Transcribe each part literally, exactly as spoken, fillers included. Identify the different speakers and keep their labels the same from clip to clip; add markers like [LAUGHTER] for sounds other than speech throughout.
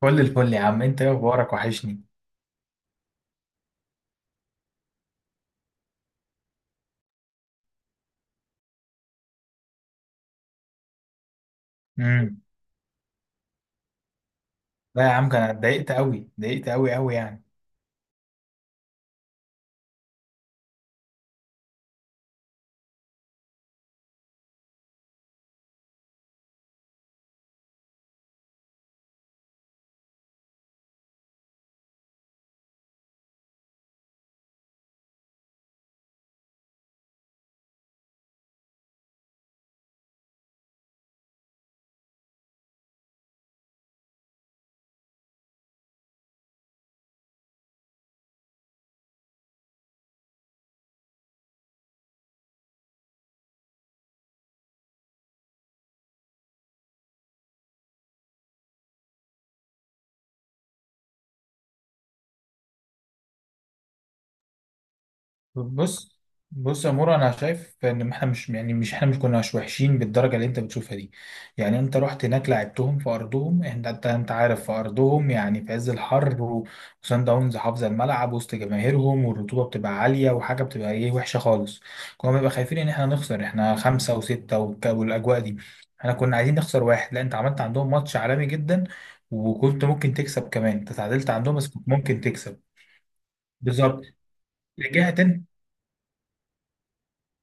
Speaker 1: كل الفل يا عم، انت ايه اخبارك؟ وحشني. امم. لا يا عم، كان أنا اتضايقت قوي، اتضايقت قوي قوي يعني. بص بص يا مورا، انا شايف ان احنا مش يعني مش احنا مش كناش وحشين بالدرجه اللي انت بتشوفها دي. يعني انت رحت هناك، لعبتهم في ارضهم، انت انت أنت عارف، في ارضهم يعني، في عز الحر و- وصن داونز حافظه الملعب، وسط جماهيرهم والرطوبه بتبقى عاليه، وحاجه بتبقى ايه وحشه خالص. كنا بنبقى خايفين ان احنا نخسر، احنا خمسه وسته والك- والاجواء دي، احنا كنا عايزين نخسر واحد. لا انت عملت عندهم ماتش عالمي جدا، وكنت ممكن تكسب كمان، انت تعادلت عندهم بس كنت ممكن تكسب. بالظبط. رجعت.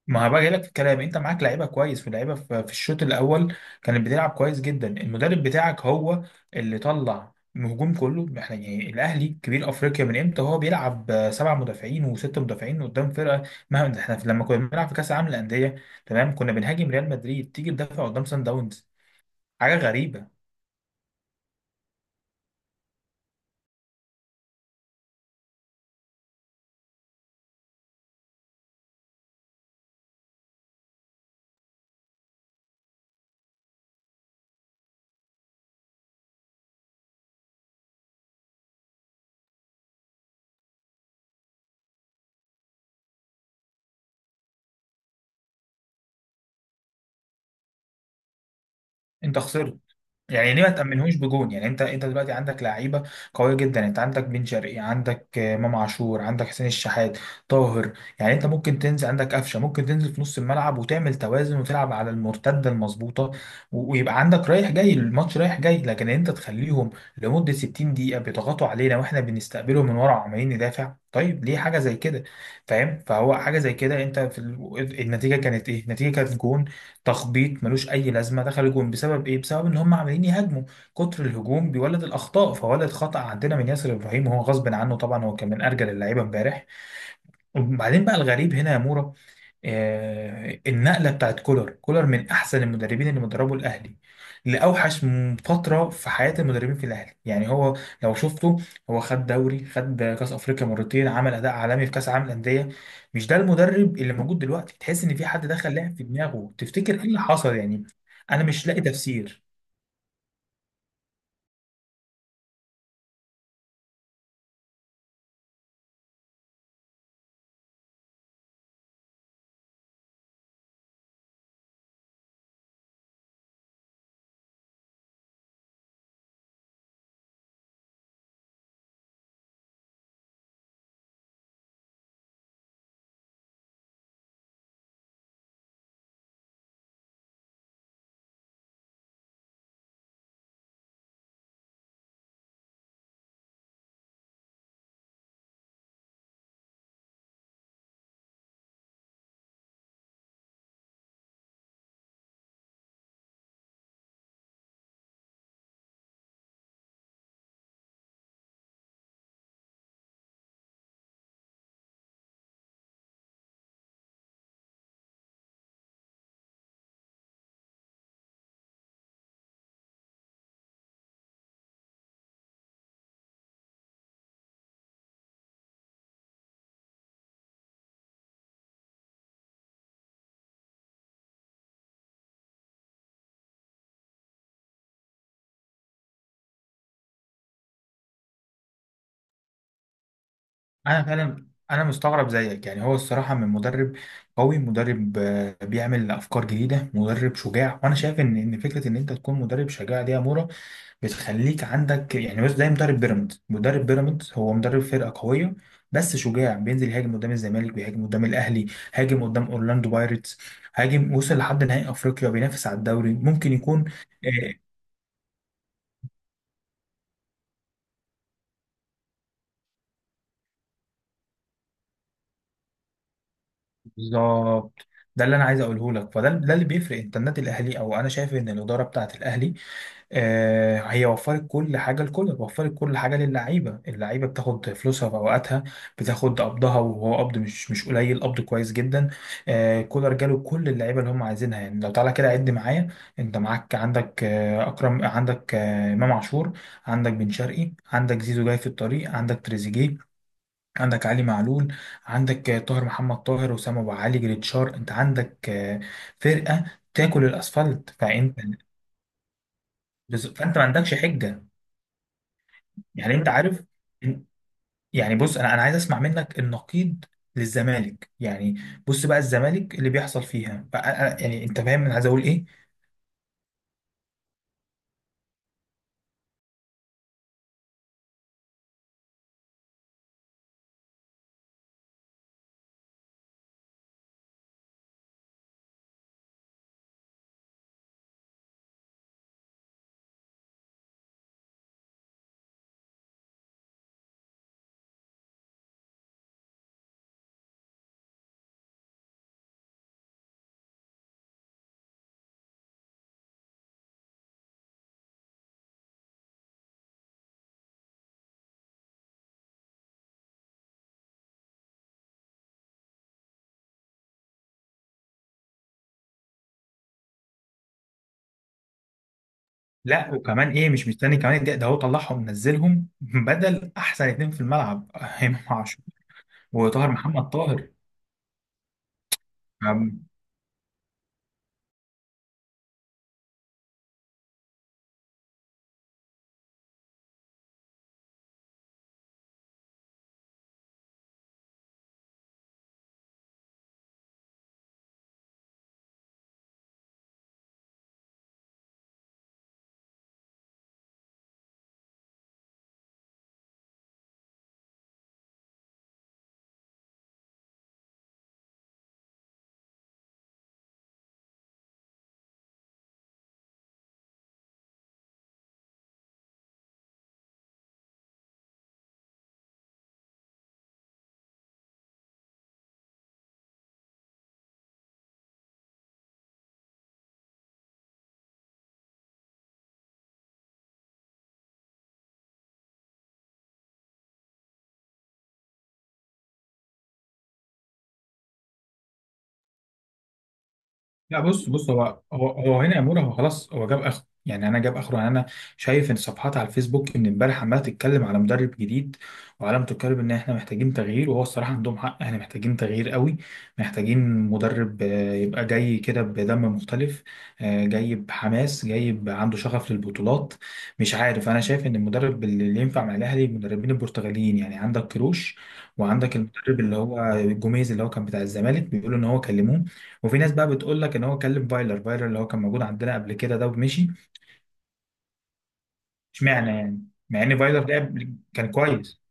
Speaker 1: ما هبقى جاي لك في الكلام، انت معاك لعيبه كويس ولاعيبه في في الشوط الاول كانت بتلعب كويس جدا. المدرب بتاعك هو اللي طلع الهجوم كله. احنا يعني الاهلي كبير افريقيا، من امتى هو بيلعب آه، سبع مدافعين وست مدافعين قدام فرقه؟ مهما احنا في- لما كنا بنلعب في كاس العالم للانديه تمام، كنا بنهاجم ريال مدريد. تيجي تدافع قدام سان داونز؟ حاجه غريبه. انت خسرت. يعني ليه ما تأمنهوش بجون؟ يعني انت انت دلوقتي عندك لعيبه قويه جدا، انت عندك بن شرقي، عندك آه، امام عاشور، عندك حسين الشحات، طاهر. يعني انت ممكن تنزل عندك قفشه، ممكن تنزل في نص الملعب وتعمل توازن وتلعب على المرتده المظبوطه، و- ويبقى عندك رايح جاي، الماتش رايح جاي. لكن انت تخليهم لمده ستين دقيقه بيضغطوا علينا واحنا بنستقبلهم من ورا عمالين ندافع؟ طيب ليه حاجه زي كده؟ فاهم؟ فهو حاجه زي كده. انت في ال... النتيجه كانت ايه؟ النتيجه كانت جون تخبيط ملوش اي لازمه. دخل الجون بسبب ايه؟ بسبب ان هم عمالين يهاجموا، كتر الهجوم بيولد الاخطاء، فولد خطأ عندنا من ياسر ابراهيم، وهو غصب عنه طبعا، هو كان من ارجل اللعيبه امبارح. وبعدين بقى الغريب هنا يا مورا، آه، النقله بتاعت كولر. كولر من احسن المدربين اللي مدربوا الاهلي، لاوحش م- فتره في حياه المدربين في الاهلي يعني. هو لو شفته، هو خد دوري، خد كاس افريقيا مرتين، عمل اداء عالمي في كاس العالم للانديه. مش ده المدرب اللي موجود دلوقتي، تحس ان في حد دخل لعب في دماغه. تفتكر ايه اللي حصل يعني؟ انا مش لاقي تفسير. انا فعلا انا مستغرب زيك، يعني هو الصراحه من مدرب قوي، مدرب آه، بيعمل افكار جديده، مدرب شجاع. وانا شايف ان ان فكره ان انت تكون مدرب شجاع دي يا مورا بتخليك عندك يعني، بس زي مدرب بيراميدز. مدرب بيراميدز هو مدرب فرقه قويه، بس شجاع، بينزل يهاجم قدام الزمالك، بيهاجم قدام الاهلي، هاجم قدام اورلاندو بايرتس، هاجم، وصل لحد نهائي افريقيا، بينافس على الدوري ممكن يكون. آه، بالظبط. ده اللي انا عايز اقوله لك. فده ده اللي بيفرق. انت النادي الاهلي، او انا شايف ان الاداره بتاعه الاهلي، آه، هي وفرت كل حاجة لكولر، وفرت كل حاجة للعيبة. اللعيبة بتاخد فلوسها في أوقاتها، بتاخد قبضها، وهو قبض مش مش قليل، قبض كويس جدا. آه، كولر جاله كل اللعيبة اللي هم عايزينها. يعني لو تعالى كده عد معايا، أنت معاك عندك آه، أكرم، عندك آه، إمام عاشور، عندك بن شرقي، عندك زيزو جاي في الطريق، عندك تريزيجيه، عندك علي معلول، عندك آه، طاهر محمد طاهر، وسام أبو علي، جريتشار. أنت عندك آه، فرقة تاكل الأسفلت. فأنت بز- فأنت ما عندكش حجة. يعني انت عارف. يعني بص، انا انا عايز اسمع منك النقيض للزمالك يعني. بص بقى، الزمالك اللي بيحصل فيها بقى، أنا- يعني انت فاهم انا عايز اقول ايه؟ لا وكمان ايه، مش مستني كمان الدقيقه، ده هو طلعهم، نزلهم [LAUGHS] بدل احسن اتنين في الملعب [LAUGHS] امام عاشور وطاهر محمد طاهر. لا بص بص، هو هو هو هنا يا مورا، هو خلاص، هو جاب اخره يعني، انا جاب اخره يعني، انا شايف ان صفحات على الفيسبوك من امبارح عماله تتكلم على مدرب جديد، وعلامة تتكلم ان احنا محتاجين تغيير، وهو الصراحه عندهم حق، احنا محتاجين تغيير قوي. محتاجين مدرب آه، يبقى جاي كده بدم مختلف، آه، جاي بحماس، جاي ب- عنده شغف للبطولات. مش عارف، انا شايف ان المدرب اللي اللي ينفع مع الاهلي المدربين البرتغاليين. يعني عندك كروش، وعندك المدرب اللي هو جوميز اللي هو كان بتاع الزمالك، بيقولوا ان هو كلموه. وفي ناس بقى بتقول لك ان هو كلم فايلر. فايلر اللي هو كان موجود عندنا قبل كده ده ومشي. اشمعنى يعني، مع ان فايلر ده قبل- كان كويس.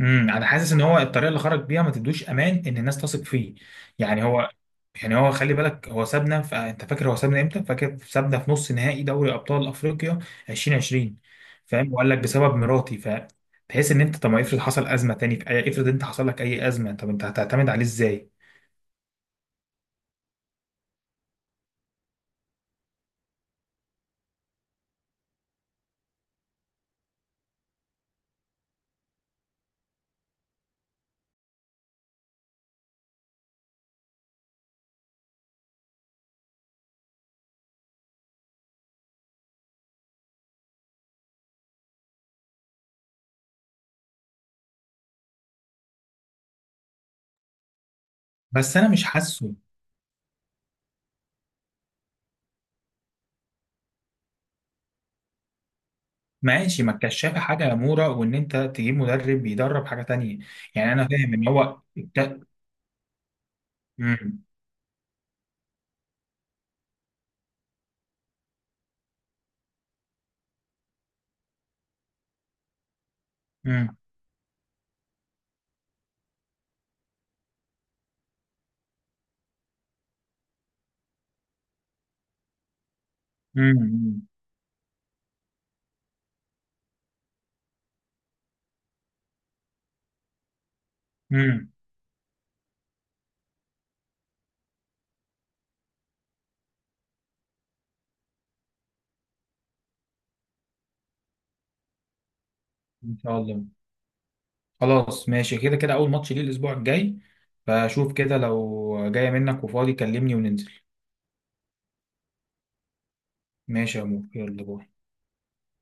Speaker 1: امم انا حاسس ان هو الطريقه اللي خرج بيها ما تدوش امان ان الناس تثق فيه. يعني هو، يعني هو خلي بالك، هو سابنا في... انت فاكر هو سابنا امتى؟ فاكر سابنا في نص نهائي دوري ابطال افريقيا ألفين و عشرين. فاهم؟ وقال لك بسبب مراتي. ف تحس ان انت، طب ما افرض حصل ازمه تاني في اي، افرض انت حصل لك اي ازمه، طب انت هتعتمد عليه ازاي؟ بس انا مش حاسه. ماشي، ما الكشافة حاجة يا مورا، وإن أنت تجيب مدرب بيدرب حاجة تانية. يعني أنا فاهم إن هو الك... مم. مم. مم. مم. إن شاء الله. خلاص ماشي، كده كده أول ماتش ليه الأسبوع الجاي. فشوف كده، لو جاية منك وفاضي كلمني وننزل. ماشي يا مورا، يلا باي.